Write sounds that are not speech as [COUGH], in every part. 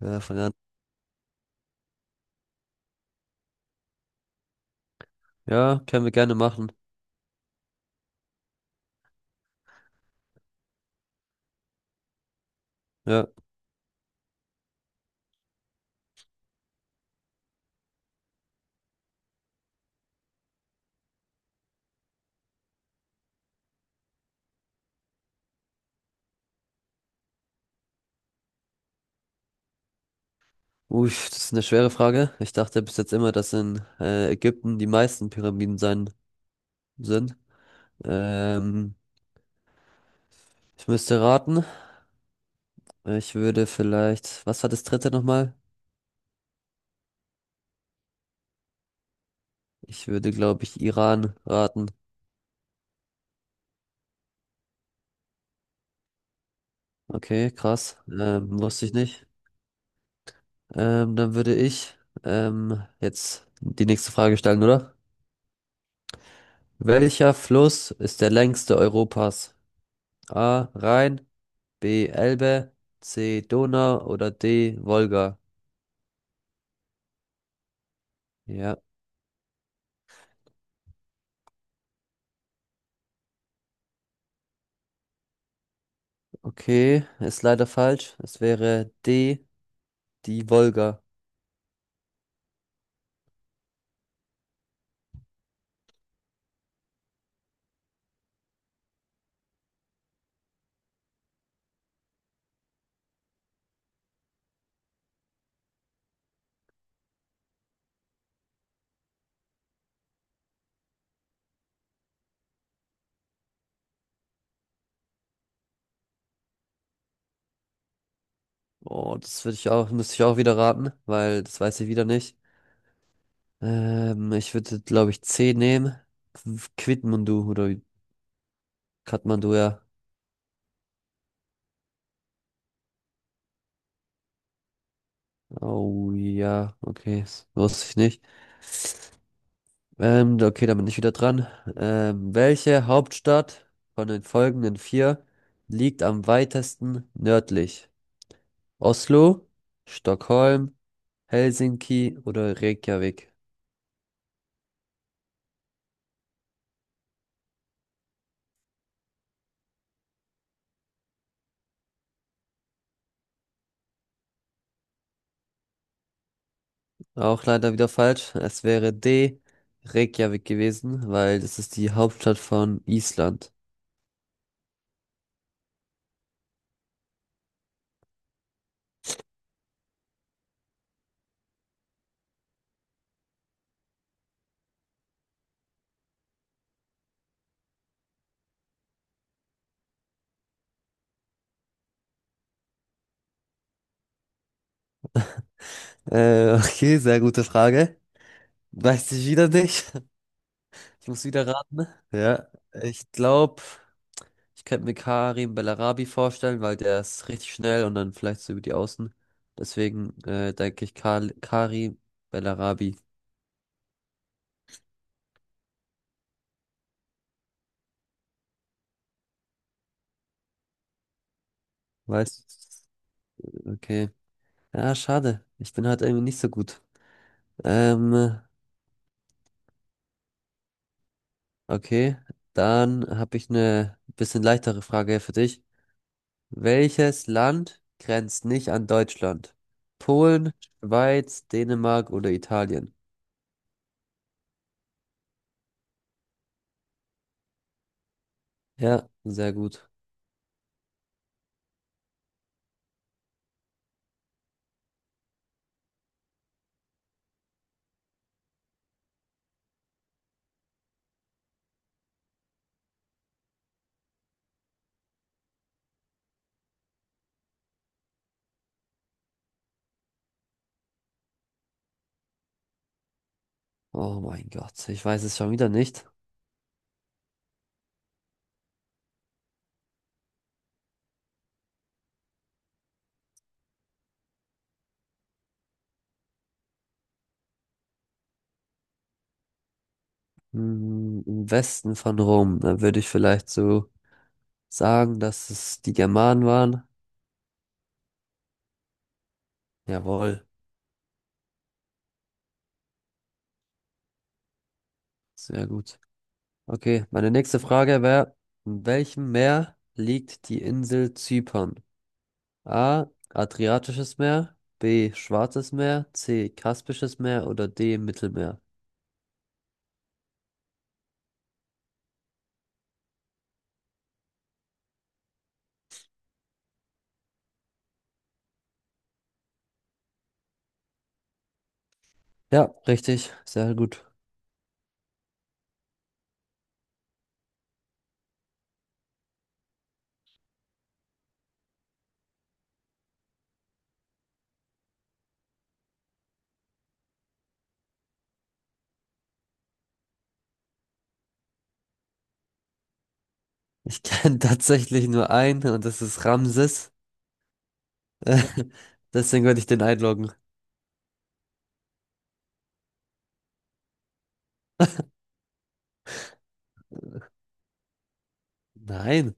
Ja, verlernt. Ja, können wir gerne machen. Ja. Ui, das ist eine schwere Frage. Ich dachte bis jetzt immer, dass in Ägypten die meisten Pyramiden sein sind. Ähm, ich müsste raten. Ich würde vielleicht, was war das dritte nochmal? Ich würde, glaube ich, Iran raten. Okay, krass. Wusste ich nicht. Dann würde ich jetzt die nächste Frage stellen, oder? Welcher Fluss ist der längste Europas? A. Rhein, B. Elbe, C. Donau oder D. Wolga. Ja, okay, ist leider falsch. Es wäre D, die Wolga. Oh, das würde ich auch, müsste ich auch wieder raten, weil das weiß ich wieder nicht. Ich würde, glaube ich, C nehmen. Quitmandu oder Kathmandu, ja. Oh ja, okay, das wusste ich nicht. Okay, dann bin ich wieder dran. Welche Hauptstadt von den folgenden vier liegt am weitesten nördlich? Oslo, Stockholm, Helsinki oder Reykjavik. Auch leider wieder falsch. Es wäre D, Reykjavik gewesen, weil das ist die Hauptstadt von Island. [LAUGHS] Okay, sehr gute Frage. Weiß ich wieder nicht. [LAUGHS] Ich muss wieder raten. Ja, ich glaube, ich könnte mir Karim Bellarabi vorstellen, weil der ist richtig schnell und dann vielleicht so über die Außen. Deswegen denke ich Karim Bellarabi. Weißt du? Okay. Ja, schade. Ich bin halt irgendwie nicht so gut. Ähm, okay. Dann habe ich eine bisschen leichtere Frage für dich. Welches Land grenzt nicht an Deutschland? Polen, Schweiz, Dänemark oder Italien? Ja, sehr gut. Oh mein Gott, ich weiß es schon wieder nicht. Hm, im Westen von Rom, da würde ich vielleicht so sagen, dass es die Germanen waren. Jawohl, sehr gut. Okay, meine nächste Frage wäre, in welchem Meer liegt die Insel Zypern? A. Adriatisches Meer, B. Schwarzes Meer, C. Kaspisches Meer oder D. Mittelmeer? Ja, richtig, sehr gut. Ich kenne [LAUGHS] tatsächlich nur einen und das ist Ramses. Äh, [LAUGHS] deswegen würde ich den einloggen. Nein,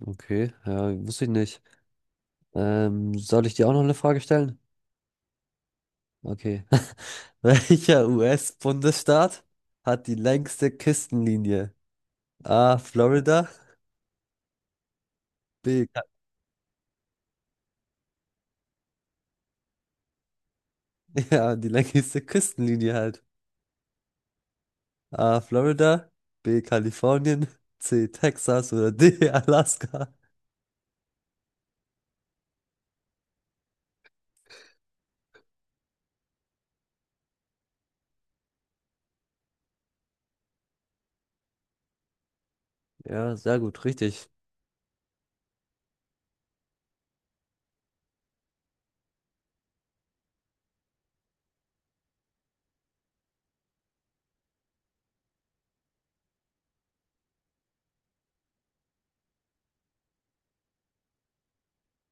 okay, ja, wusste ich nicht. Soll ich dir auch noch eine Frage stellen? Okay. [LAUGHS] Welcher US-Bundesstaat hat die längste Küstenlinie? A. Florida. B. Ka- [LAUGHS] Ja, die längste Küstenlinie halt. A. Florida. B. Kalifornien. C. Texas oder D. [LAUGHS] Alaska. Ja, sehr gut, richtig.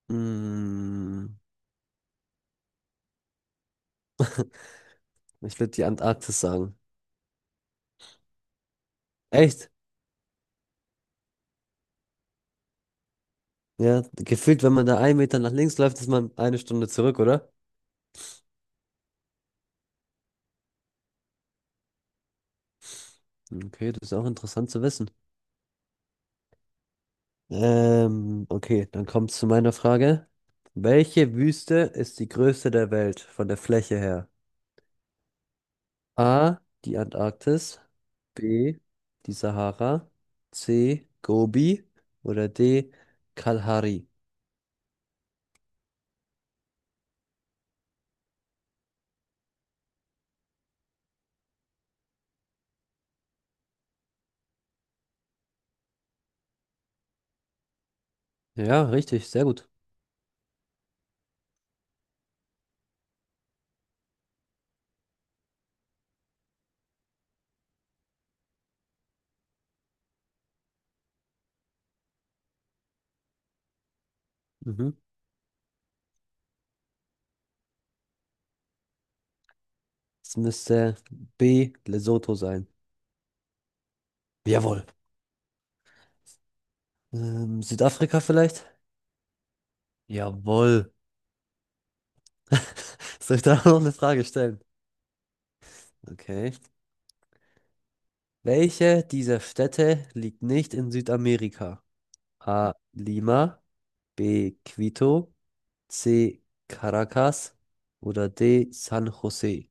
Hm, ich würde die Antarktis sagen. Echt? Ja, gefühlt, wenn man da einen Meter nach links läuft, ist man eine Stunde zurück, oder? Okay, das ist auch interessant zu wissen. Okay, dann kommt zu meiner Frage. Welche Wüste ist die größte der Welt von der Fläche her? A. Die Antarktis. B. Die Sahara. C. Gobi. Oder D. Kalahari. Ja, richtig, sehr gut. Mhm. Es müsste B. Lesotho sein. Jawohl. Südafrika vielleicht? Jawohl. [LAUGHS] Soll ich da noch eine Frage stellen? Okay. Welche dieser Städte liegt nicht in Südamerika? A. Lima, B. Quito, C. Caracas oder D. San Jose?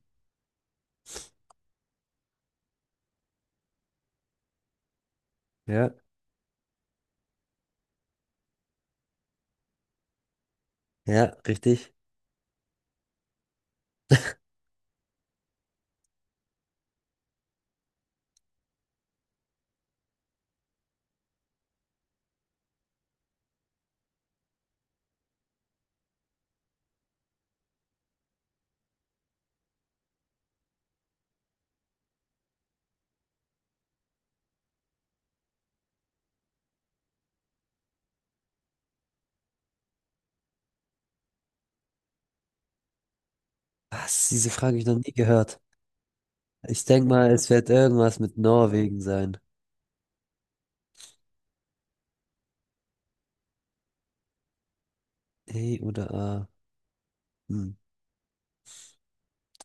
Ja. Ja, richtig. Was? Diese Frage habe ich noch nie gehört. Ich denke mal, es wird irgendwas mit Norwegen sein. E oder A? Hm,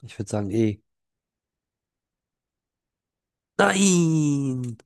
ich würde sagen E. Nein!